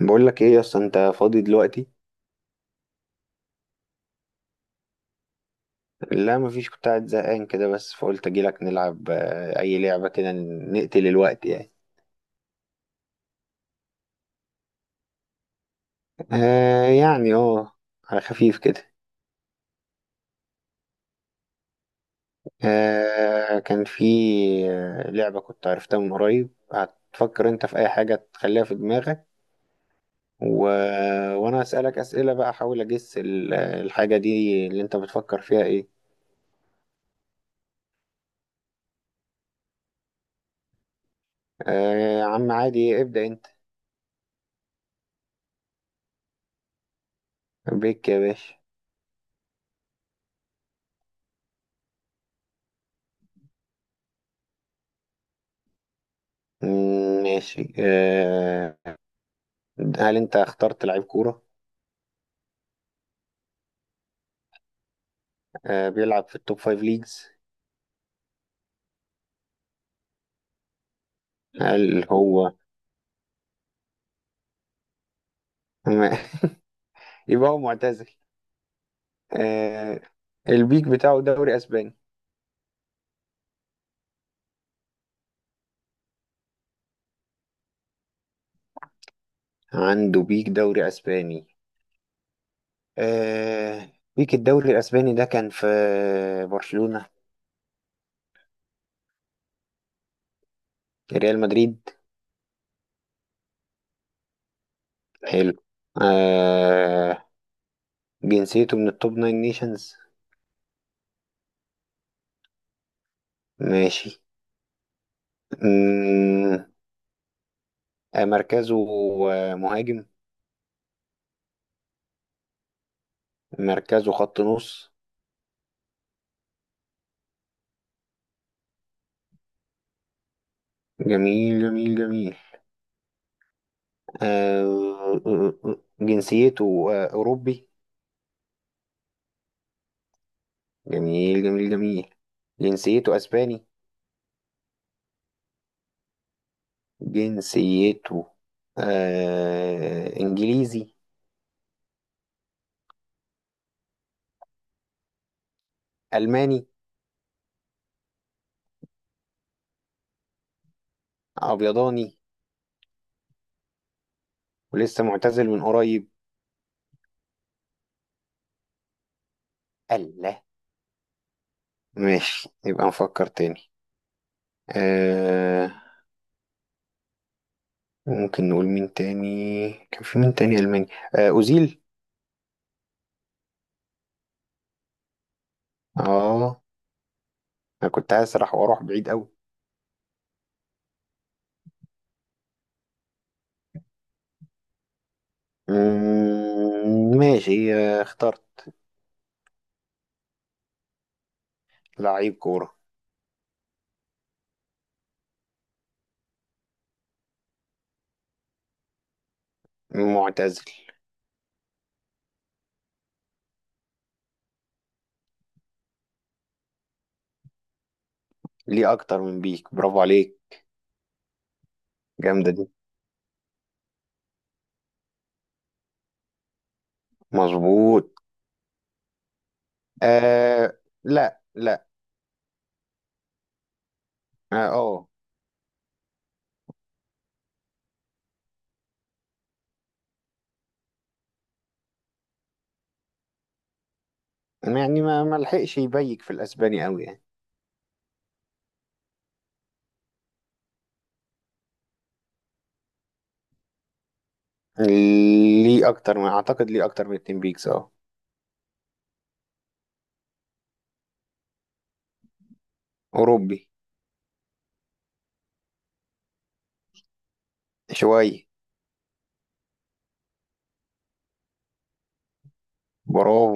بقول لك ايه يا اسطى؟ انت فاضي دلوقتي؟ لا مفيش، كنت قاعد زهقان كده، بس فقلت اجيلك نلعب. اي لعبه كده نقتل الوقت يعني. آه يعني اه. على خفيف كده. كان في لعبه كنت عرفتها من قريب. هتفكر انت في اي حاجه تخليها في دماغك و... وانا اسالك اسئله بقى احاول اجس الحاجه دي اللي انت بتفكر فيها ايه. آه. يا عم عادي، ابدا انت. بيك يا باشا. ماشي. هل انت اخترت لعيب كورة؟ بيلعب في التوب فايف ليجز. هل هو م- يبقى هو معتزل. آه، البيك بتاعه دوري اسباني. عنده بيك دوري اسباني. آه، بيك الدوري الاسباني ده كان في برشلونة. ريال مدريد. حلو. آه، جنسيته من التوب ناين نيشنز. ماشي. مم، مركزه مهاجم. مركزه خط نص. جميل جميل جميل. جنسيته أوروبي. جميل جميل جميل. جنسيته أسباني. جنسيته إنجليزي. ألماني. أبيضاني. ولسه معتزل من قريب. الله. ماشي، يبقى نفكر تاني. آه، ممكن نقول مين تاني كان في؟ مين تاني ألماني؟ أوزيل. آه. أنا كنت هسرح وأروح بعيد أوي. ماشي، اخترت لعيب كورة. معتزل. ليه اكتر من بيك. برافو عليك. جامده دي. مظبوط. آه. لا لا. اه آه. يعني ما لحقش يبيك في الاسباني قوي يعني. ليه اكتر من اعتقد ليه اكتر من اتنين بيكس. اه. اوروبي. شويه. برافو.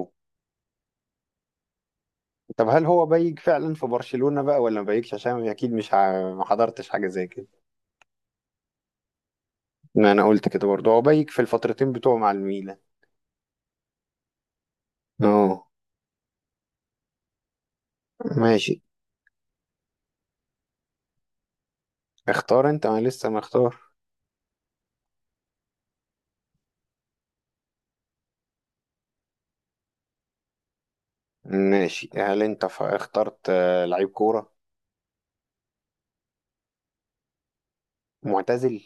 طب هل هو بيك فعلا في برشلونه بقى ولا ما بيكش؟ عشان اكيد مش ما حضرتش حاجه زي كده. ما انا قلت كده برضه، هو بيك في الفترتين بتوعه مع الميلان. اه. ماشي. اختار انت، انا لسه مختار. ماشي، هل انت اخترت لعيب كوره؟ معتزل؟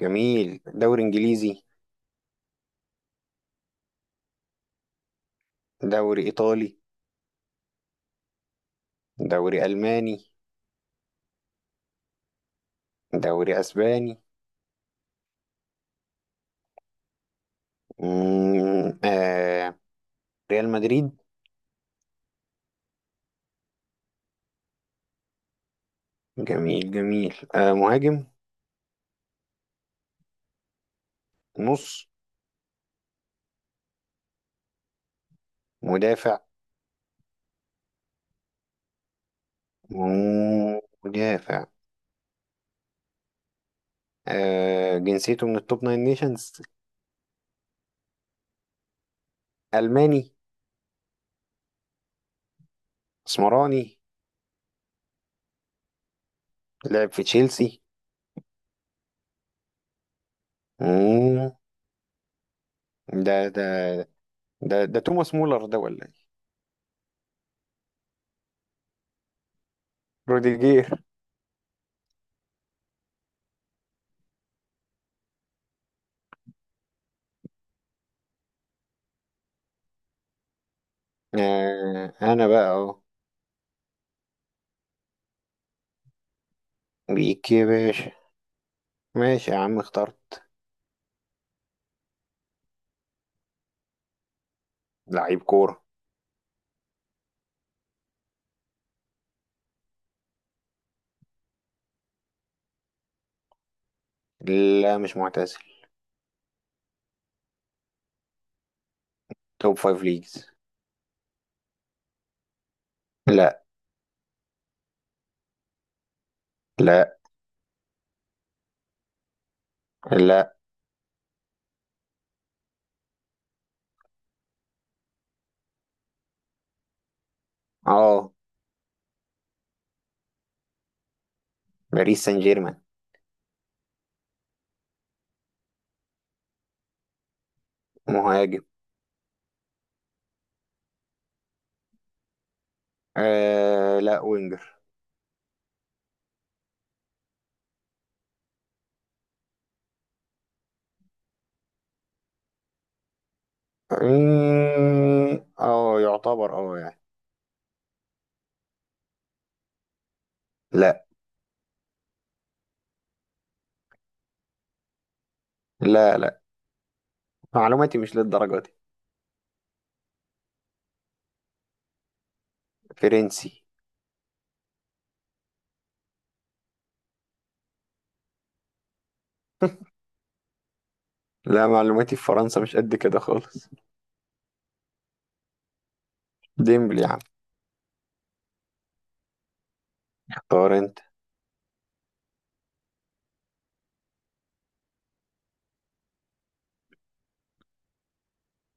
جميل. دوري انجليزي؟ دوري ايطالي؟ دوري الماني؟ دوري اسباني؟ مم، آه ريال مدريد. جميل جميل. مهاجم؟ نص؟ مدافع. مدافع. جنسيته من التوب ناين نيشنز. الماني. اسمراني. لعب في تشيلسي. مم، ده ده ده توماس مولر ده ولا ايه؟ روديجير. انا بقى اهو. بيك يا باشا. ماشي يا عم، اخترت لعيب كورة. لا مش معتزل. توب فايف ليجز. لا. لا. لا. اه. باريس سان جيرمان. مهاجم. لا وينجر. اه، يعتبر اه يعني. لا. لا لا. معلوماتي مش للدرجة دي. فرنسي. لا معلوماتي في فرنسا مش قد كده خالص. ديمبلي يا عم. اختار انت.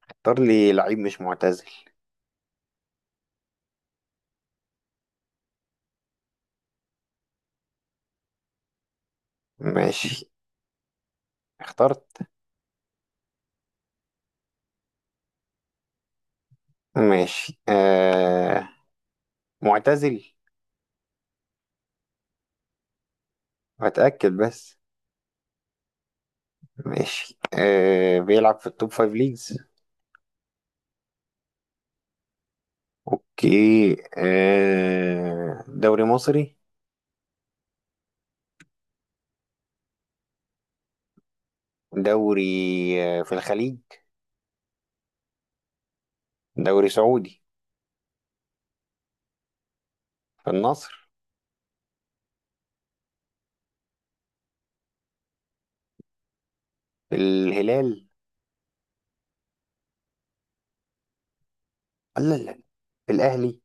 اختار لي لعيب مش معتزل ماشي. اخترت. ماشي معتزل. هتأكد بس. ماشي، بيلعب في التوب فايف ليجز. اوكي. دوري مصري؟ دوري في الخليج؟ دوري سعودي. في النصر؟ في الهلال؟ لا لا لا. في الاهلي؟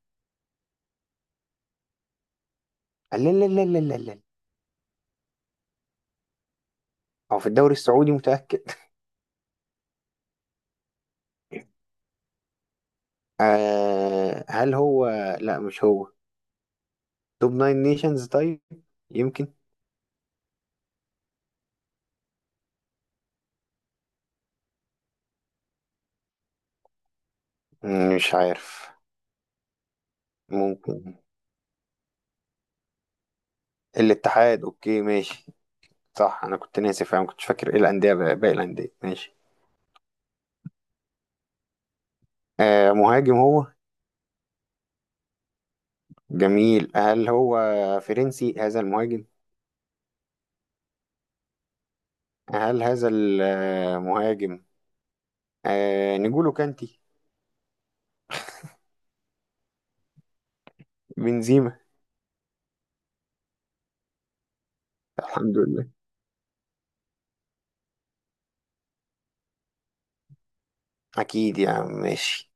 لا لا لا لا لا لا. هو في الدوري السعودي متأكد؟ هل هو؟ لا مش هو. توب ناين نيشنز طيب؟ يمكن. مش عارف. ممكن. الاتحاد، اوكي ماشي. صح، انا كنت ناسي، فاهم؟ كنتش فاكر ايه الانديه باقي الانديه. ماشي. مهاجم هو. جميل، هل هو فرنسي هذا المهاجم؟ هل هذا المهاجم نجولو كانتي؟ بنزيما. الحمد لله. أكيد يا عم، ماشي.